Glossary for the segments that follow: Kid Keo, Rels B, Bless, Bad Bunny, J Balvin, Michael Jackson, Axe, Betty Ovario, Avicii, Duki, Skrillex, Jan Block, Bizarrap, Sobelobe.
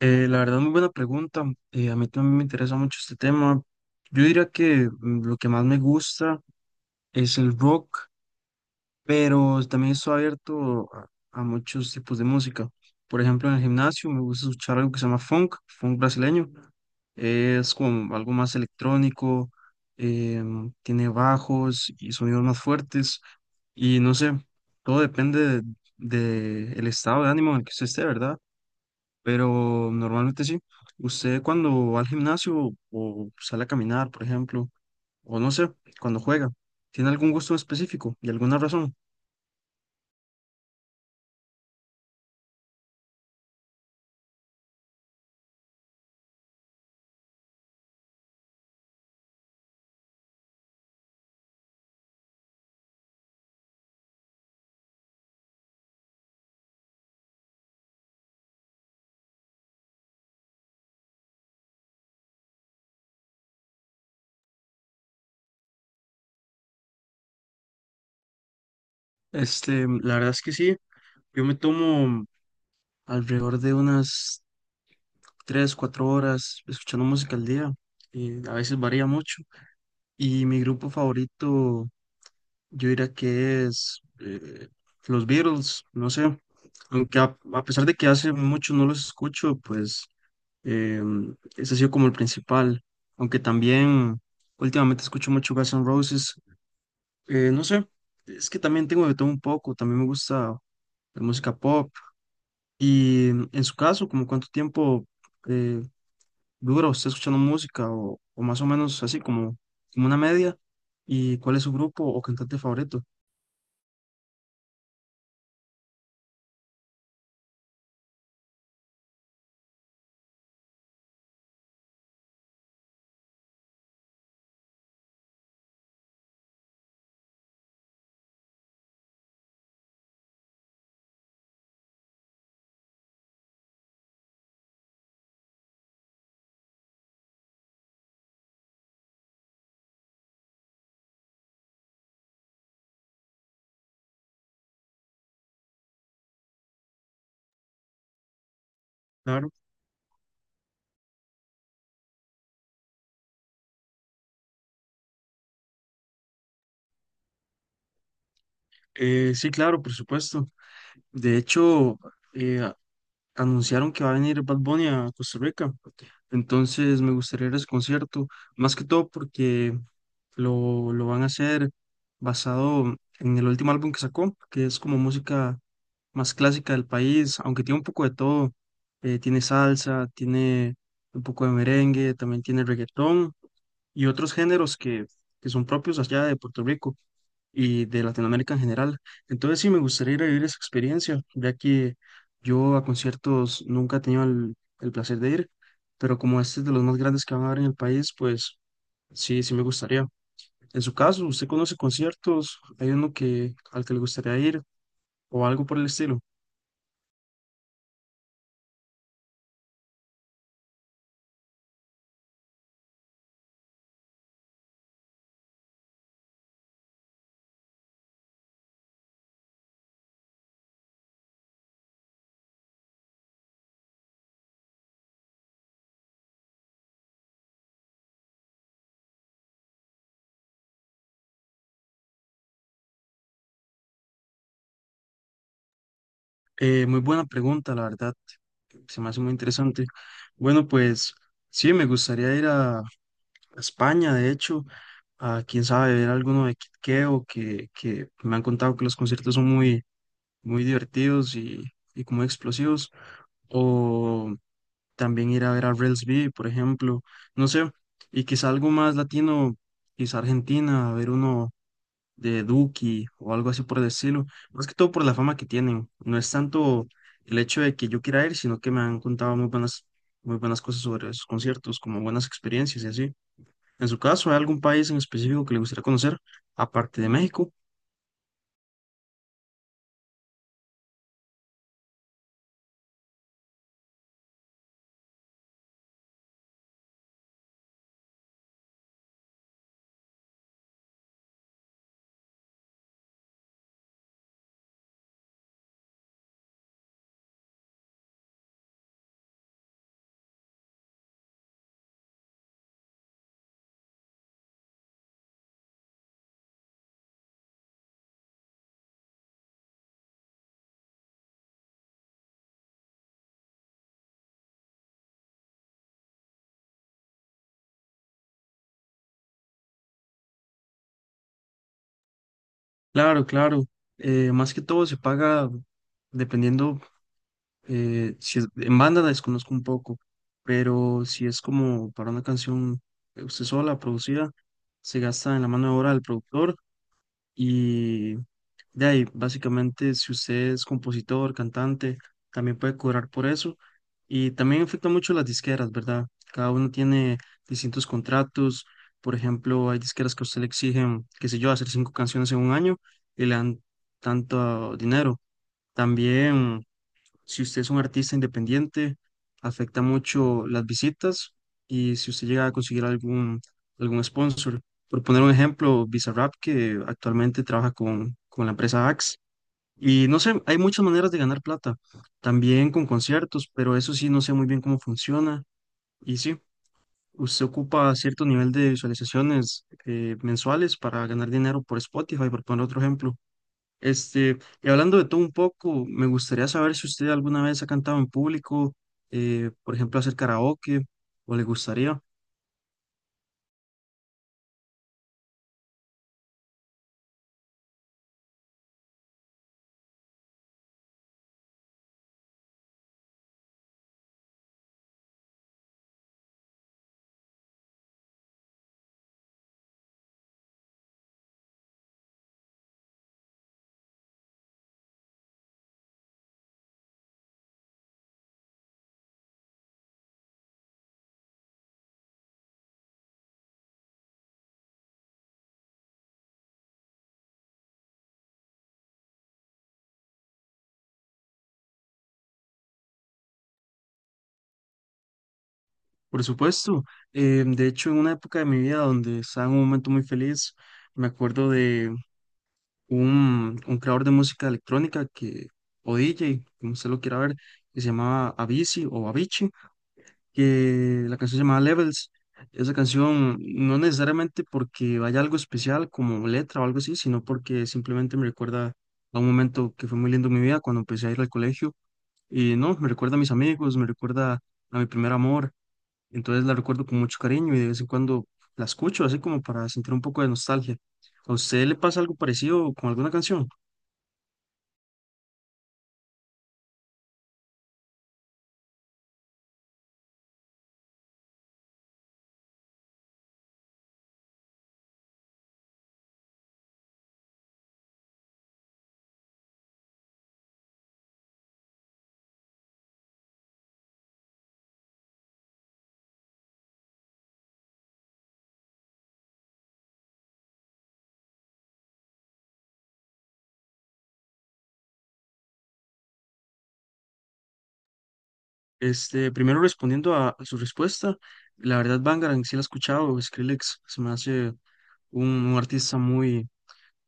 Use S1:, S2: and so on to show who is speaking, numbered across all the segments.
S1: La verdad, muy buena pregunta. A mí también me interesa mucho este tema. Yo diría que lo que más me gusta es el rock, pero también estoy abierto a muchos tipos de música. Por ejemplo, en el gimnasio me gusta escuchar algo que se llama funk, funk brasileño. Es como algo más electrónico. Tiene bajos y sonidos más fuertes. Y no sé, todo depende de el estado de ánimo en el que usted esté, ¿verdad? Pero normalmente sí. Usted cuando va al gimnasio o sale a caminar, por ejemplo, o no sé, cuando juega, ¿tiene algún gusto específico y alguna razón? Este, la verdad es que sí, yo me tomo alrededor de unas 3, 4 horas escuchando música al día, y a veces varía mucho. Y mi grupo favorito, yo diría que es los Beatles, no sé, aunque a pesar de que hace mucho no los escucho, pues. Eh, Ese ha sido como el principal, aunque también últimamente escucho mucho Guns N' Roses. No sé, es que también tengo de todo un poco, también me gusta la música pop. Y en su caso, ¿como cuánto tiempo eh, dura usted escuchando música, o más o menos así como, como una media? ¿Y cuál es su grupo o cantante favorito? Claro. Sí, claro, por supuesto. De hecho, eh, anunciaron que va a venir Bad Bunny a Costa Rica. Entonces me gustaría ir a ese concierto, más que todo porque lo van a hacer basado en el último álbum que sacó, que es como música más clásica del país, aunque tiene un poco de todo. Tiene salsa, tiene un poco de merengue, también tiene reggaetón y otros géneros que son propios allá de Puerto Rico y de Latinoamérica en general. Entonces sí, me gustaría ir a vivir esa experiencia, ya que yo a conciertos nunca he tenido el placer de ir, pero como este es de los más grandes que van a haber en el país, pues sí, sí me gustaría. En su caso, ¿usted conoce conciertos? ¿Hay uno que, al que le gustaría ir o algo por el estilo? Muy buena pregunta, la verdad, se me hace muy interesante. Bueno, pues sí, me gustaría ir a España, de hecho. A quién sabe, ver alguno de Kid Keo, que me han contado que los conciertos son muy, muy divertidos y como explosivos, o también ir a ver a Rels B, por ejemplo, no sé, y quizá algo más latino, quizá Argentina, a ver uno de Duki o algo así por el estilo, más que todo por la fama que tienen, no es tanto el hecho de que yo quiera ir, sino que me han contado muy buenas cosas sobre esos conciertos, como buenas experiencias y así. En su caso, ¿hay algún país en específico que le gustaría conocer, aparte de México? Claro, claro. Más que todo se paga dependiendo, si es, en banda la desconozco un poco, pero si es como para una canción usted sola, producida, se gasta en la mano de obra del productor y. De ahí, básicamente, si usted es compositor, cantante, también puede cobrar por eso. Y también afecta mucho las disqueras, ¿verdad? Cada uno tiene distintos contratos. Por ejemplo, hay disqueras que a usted le exigen, qué sé yo, hacer 5 canciones en un año y le dan tanto dinero. También, si usted es un artista independiente, afecta mucho las visitas y si usted llega a conseguir algún, algún sponsor. Por poner un ejemplo, Bizarrap, que actualmente trabaja con la empresa Axe y no sé, hay muchas maneras de ganar plata, también con conciertos, pero eso sí, no sé muy bien cómo funciona. Y sí, usted ocupa cierto nivel de visualizaciones mensuales para ganar dinero por Spotify, por poner otro ejemplo. Este, y hablando de todo un poco, me gustaría saber si usted alguna vez ha cantado en público, por ejemplo, hacer karaoke, o le gustaría. Por supuesto, de hecho, en una época de mi vida donde estaba en un momento muy feliz, me acuerdo de un creador de música electrónica que, o DJ, como usted lo quiera ver, que se llamaba Avicii o Avicii, que la canción se llamaba Levels. Esa canción no necesariamente porque vaya algo especial como letra o algo así, sino porque simplemente me recuerda a un momento que fue muy lindo en mi vida cuando empecé a ir al colegio. Y no, me recuerda a mis amigos, me recuerda a mi primer amor. Entonces la recuerdo con mucho cariño y de vez en cuando la escucho así como para sentir un poco de nostalgia. ¿A usted le pasa algo parecido con alguna canción? Este, primero respondiendo a su respuesta, la verdad Bangarang sí la he escuchado, Skrillex se me hace un artista muy,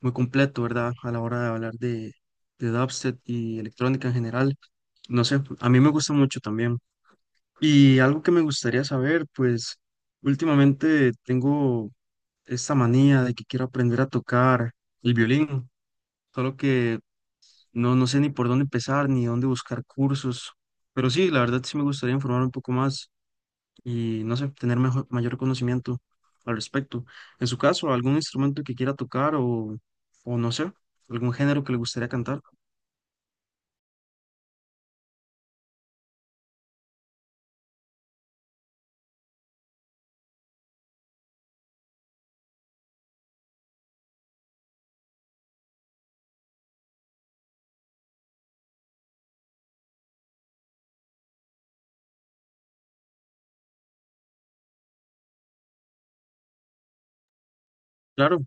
S1: muy completo, ¿verdad? A la hora de hablar de dubstep y electrónica en general. No sé, a mí me gusta mucho también. Y algo que me gustaría saber, pues últimamente tengo esta manía de que quiero aprender a tocar el violín, solo que no sé ni por dónde empezar ni dónde buscar cursos, pero sí, la verdad sí me gustaría informar un poco más. Y no sé, tener mejor, mayor conocimiento al respecto. En su caso, algún instrumento que quiera tocar, o no sé, algún género que le gustaría cantar. Claro.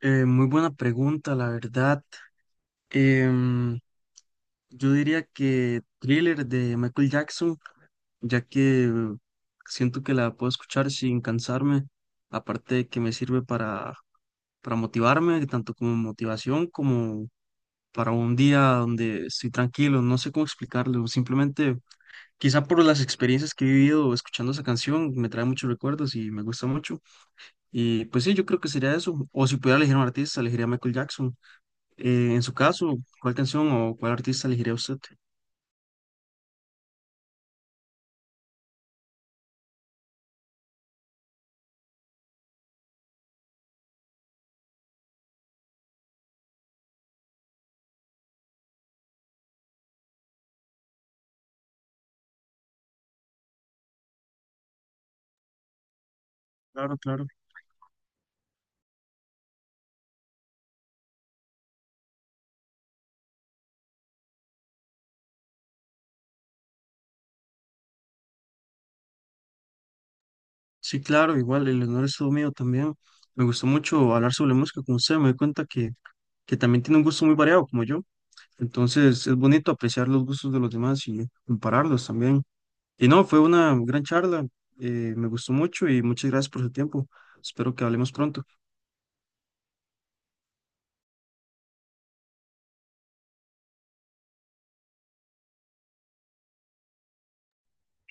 S1: Muy buena pregunta, la verdad. Em, yo diría que Thriller de Michael Jackson, ya que siento que la puedo escuchar sin cansarme, aparte de que me sirve para, motivarme, tanto como motivación como para un día donde estoy tranquilo, no sé cómo explicarlo, simplemente. Quizá por las experiencias que he vivido escuchando esa canción, me trae muchos recuerdos y me gusta mucho. Y pues sí, yo creo que sería eso. O si pudiera elegir a un artista, elegiría a Michael Jackson. En su caso, ¿cuál canción o cuál artista elegiría usted? Claro, claro. Sí, claro, igual, el honor es todo mío también. Me gustó mucho hablar sobre música con usted. Me doy cuenta que también tiene un gusto muy variado, como yo. Entonces, es bonito apreciar los gustos de los demás y compararlos también. Y no, fue una gran charla, me gustó mucho y muchas gracias por su tiempo. Espero que hablemos pronto.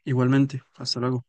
S1: Igualmente, hasta luego.